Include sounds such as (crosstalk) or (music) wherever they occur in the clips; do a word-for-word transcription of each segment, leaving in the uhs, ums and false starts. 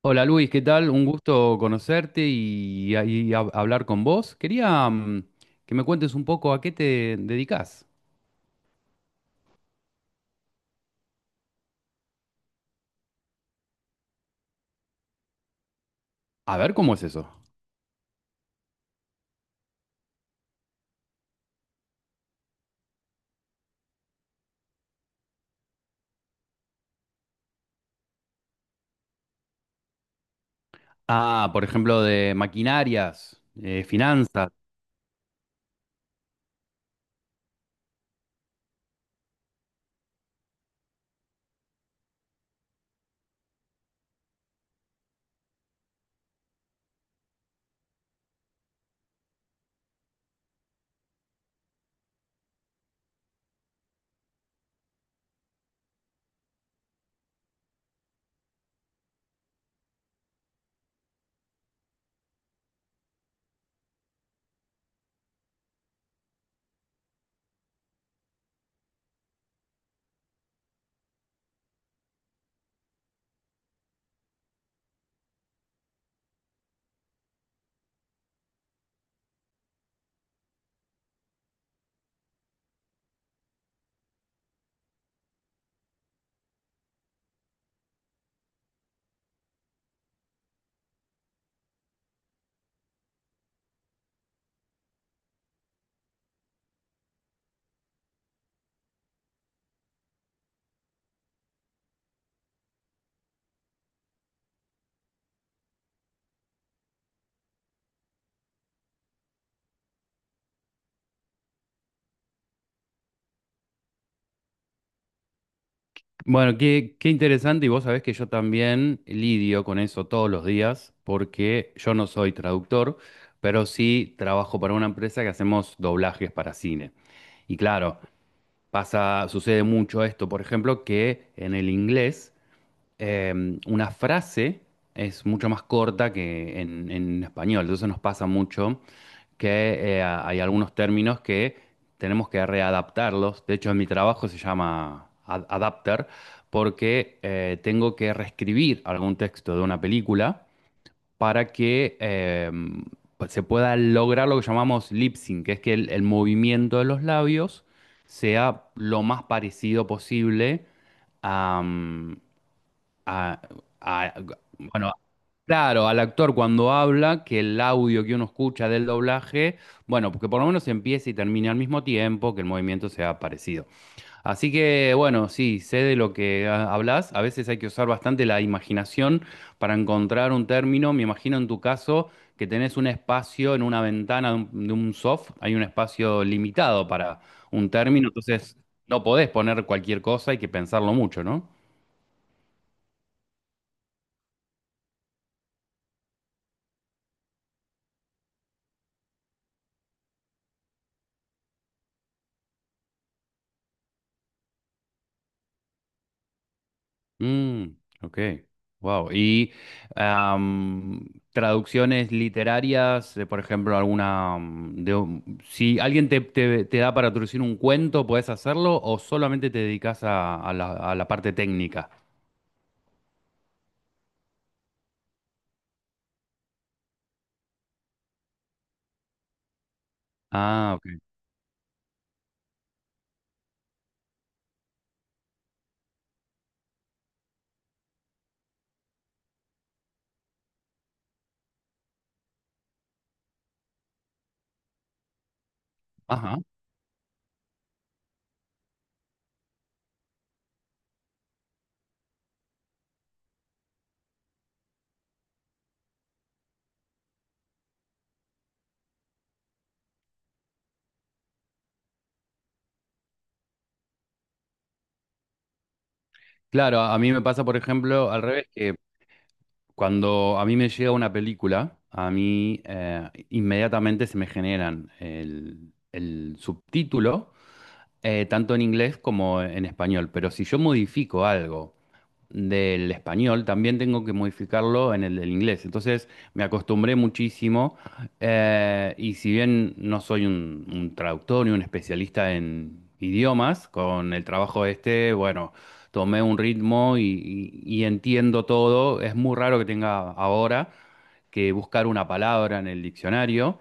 Hola Luis, ¿qué tal? Un gusto conocerte y, y hab- hablar con vos. Quería mm, que me cuentes un poco a qué te dedicas. A ver, ¿cómo es eso? Ah, por ejemplo, de maquinarias, eh, finanzas. Bueno, qué, qué interesante y vos sabés que yo también lidio con eso todos los días porque yo no soy traductor, pero sí trabajo para una empresa que hacemos doblajes para cine. Y claro, pasa, sucede mucho esto, por ejemplo, que en el inglés eh, una frase es mucho más corta que en, en español. Entonces nos pasa mucho que eh, a- hay algunos términos que tenemos que readaptarlos. De hecho, en mi trabajo se llama ad- adapter porque eh, tengo que reescribir algún texto de una película para que eh, pues se pueda lograr lo que llamamos lip sync, que es que el, el movimiento de los labios sea lo más parecido posible a- a- bueno, claro, al actor cuando habla, que el audio que uno escucha del doblaje, bueno, porque por lo menos empieza y termina al mismo tiempo, que el movimiento sea parecido. Así que, bueno, sí, sé de lo que ah, hablas. A veces hay que usar bastante la imaginación para encontrar un término. Me imagino en tu caso que tenés un espacio en una ventana de un, de un soft, hay un espacio limitado para un término, entonces no podés poner cualquier cosa, hay que pensarlo mucho, ¿no? Mm, ok, wow. ¿Y am, traducciones literarias, de, por ejemplo, alguna mm, de un- si alguien te, te- te da para traducir un cuento, puedes hacerlo o solamente te dedicas a, a la, a la parte técnica? Ah, ok. Ajá. Claro, a a mí me pasa, por ejemplo, al revés, que cuando a mí me llega una película, a mí eh, inmediatamente se me generan el el subtítulo, eh, tanto en inglés como en español. Pero si yo modifico algo del español, también tengo que modificarlo en el del inglés. Entonces me acostumbré muchísimo, eh, y si bien no soy un, un traductor ni un especialista en idiomas, con el trabajo este, bueno, tomé un ritmo y, y- y entiendo todo. Es muy raro que tenga ahora que buscar una palabra en el diccionario.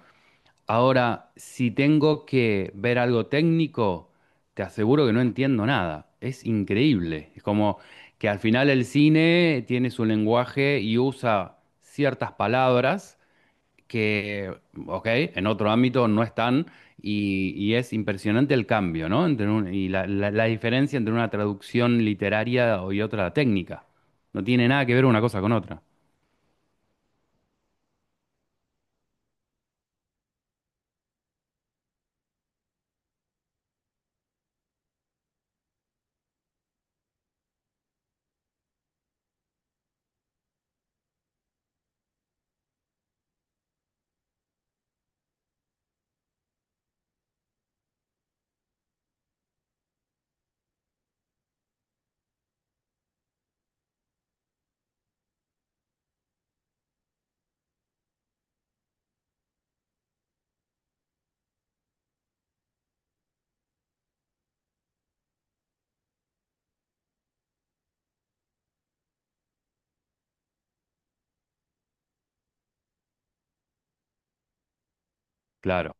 Ahora, si tengo que ver algo técnico, te aseguro que no entiendo nada. Es increíble. Es como que al final el cine tiene su lenguaje y usa ciertas palabras que, ok, en otro ámbito no están y, y es impresionante el cambio, ¿no? Entre un- y la, la- la diferencia entre una traducción literaria y otra técnica. No tiene nada que ver una cosa con otra. Claro.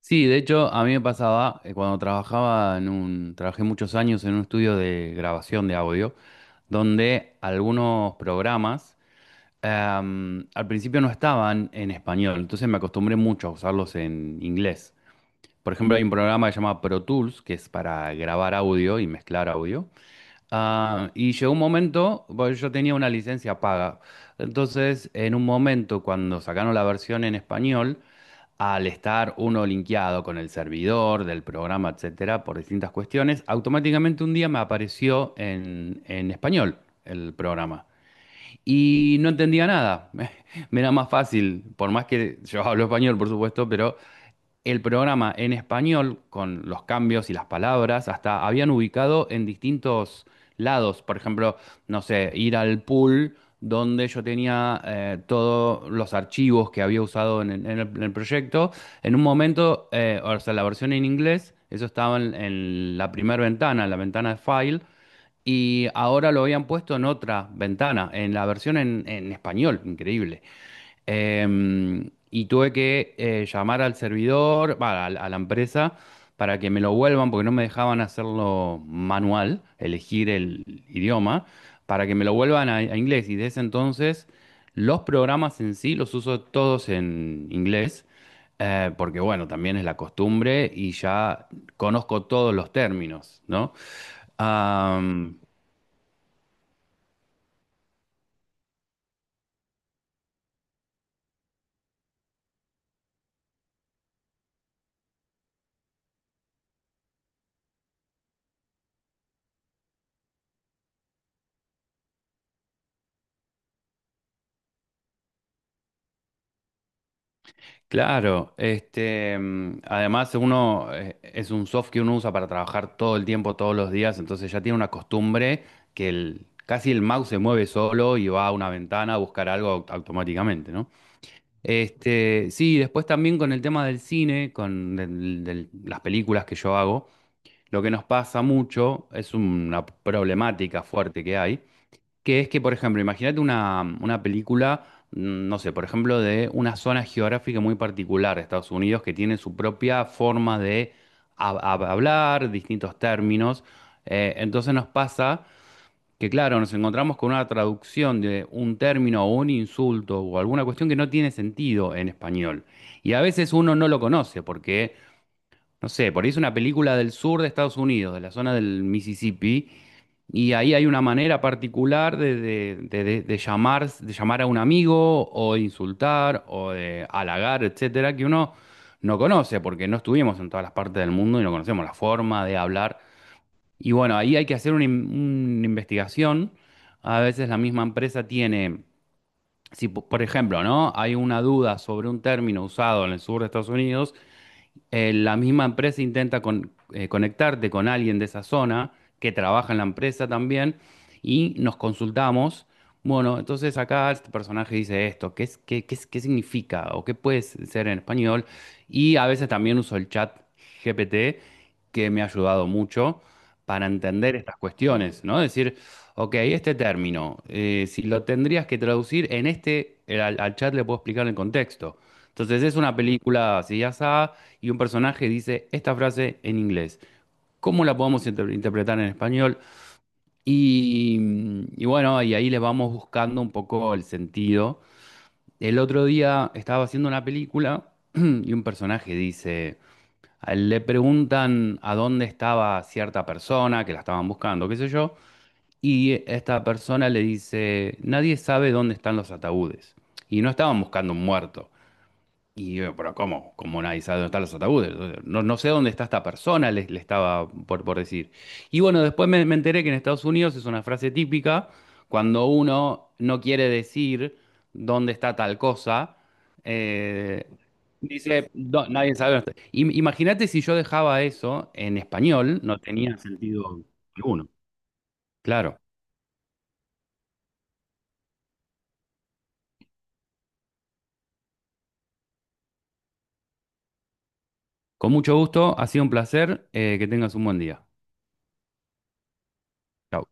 Sí, de hecho, a mí me pasaba eh, cuando trabajaba en un, trabajé muchos años en un estudio de grabación de audio, donde algunos programas em, al principio no estaban en español, entonces me acostumbré mucho a usarlos en inglés. Por ejemplo, hay un programa que se llama Pro Tools, que es para grabar audio y mezclar audio. Ah, y llegó un momento, bueno, yo tenía una licencia paga, entonces en un momento cuando sacaron la versión en español, al estar uno linkeado con el servidor del programa, etcétera, por distintas cuestiones, automáticamente un día me apareció en, en español el programa. Y no entendía nada. (laughs) Me era más fácil, por más que yo hablo español, por supuesto, pero el programa en español, con los cambios y las palabras, hasta habían ubicado en distintos lados. Por ejemplo, no sé, ir al pool donde yo tenía eh, todos los archivos que había usado en, el, en el- en el proyecto. En un momento, eh, o sea, la versión en inglés, eso estaba en, en la primera ventana, en la ventana de file. Y ahora lo habían puesto en otra ventana, en la versión en, en español, increíble. Eh, y tuve que eh, llamar al servidor, va, a, la a la empresa, para que me lo vuelvan, porque no me dejaban hacerlo manual, elegir el idioma, para que me lo vuelvan a, a inglés. Y desde entonces los programas en sí los uso todos en inglés. Eh, porque bueno, también es la costumbre y ya conozco todos los términos, ¿no? Am, Claro, este, mm, además uno eh, es un soft que uno usa para trabajar todo el tiempo, todos los días, entonces ya tiene una costumbre que el, casi el mouse se mueve solo y va a una ventana a buscar algo au- automáticamente, ¿no? Este, sí, después también con el tema del cine, con del- del- las películas que yo hago, lo que nos pasa mucho es una problemática fuerte que hay que es que, por ejemplo, imagínate una, una película, mm, no sé, por ejemplo, de una zona geográfica muy particular de Estados Unidos que tiene su propia forma de hab- hab- hablar, distintos términos. Eh, entonces nos pasa que, claro, nos encontramos con una traducción de un término o un insulto o alguna cuestión que no tiene sentido en español. Y a veces uno no lo conoce porque, no sé, por ahí es una película del sur de Estados Unidos, de la zona del Mississippi y ahí hay una manera particular de, de- de- de- de llamar, de llamar a un amigo o de insultar o de halagar, etcétera, que uno no conoce porque no estuvimos en todas las partes del mundo y no conocemos la forma de hablar. Y bueno, ahí hay que hacer una, in- una investigación. A veces la misma empresa tiene, si po- por ejemplo, ¿no? Hay una duda sobre un término usado en el sur de Estados Unidos, eh, la misma empresa intenta con- eh, conectarte con alguien de esa zona que trabaja en la empresa también y nos consultamos. Bueno, entonces acá este personaje dice esto, ¿qué es, qué, qué es- qué significa o qué puede ser en español? Y a veces también uso el chat G P T, que me ha ayudado mucho para entender estas cuestiones, ¿no? Decir, ok, este término, eh, si lo tendrías que traducir en este, el- al, al chat le puedo explicar el contexto. Entonces es una película así ya y un personaje dice esta frase en inglés. ¿Cómo la podemos inter- interpretar en español? Y, y bueno, y ahí le vamos buscando un poco el sentido. El otro día estaba haciendo una película (clears throat) y un personaje dice, a él le preguntan a dónde estaba cierta persona, que la estaban buscando, qué sé yo, y esta persona le dice, nadie sabe dónde están los ataúdes. Y no estaban buscando un muerto, y yo, pero ¿cómo? ¿Cómo nadie sabe dónde están los ataúdes? No, no sé dónde está esta persona, le, le estaba por, por decir. Y bueno, después me, me enteré que en Estados Unidos es una frase típica cuando uno no quiere decir dónde está tal cosa. eh, Dice, "No, nadie sabe dónde está". Im- Imagínate si yo dejaba eso en español, no tenía sentido alguno. Claro. Con mucho gusto, ha sido un placer, eh, que tengas un buen día. Chao.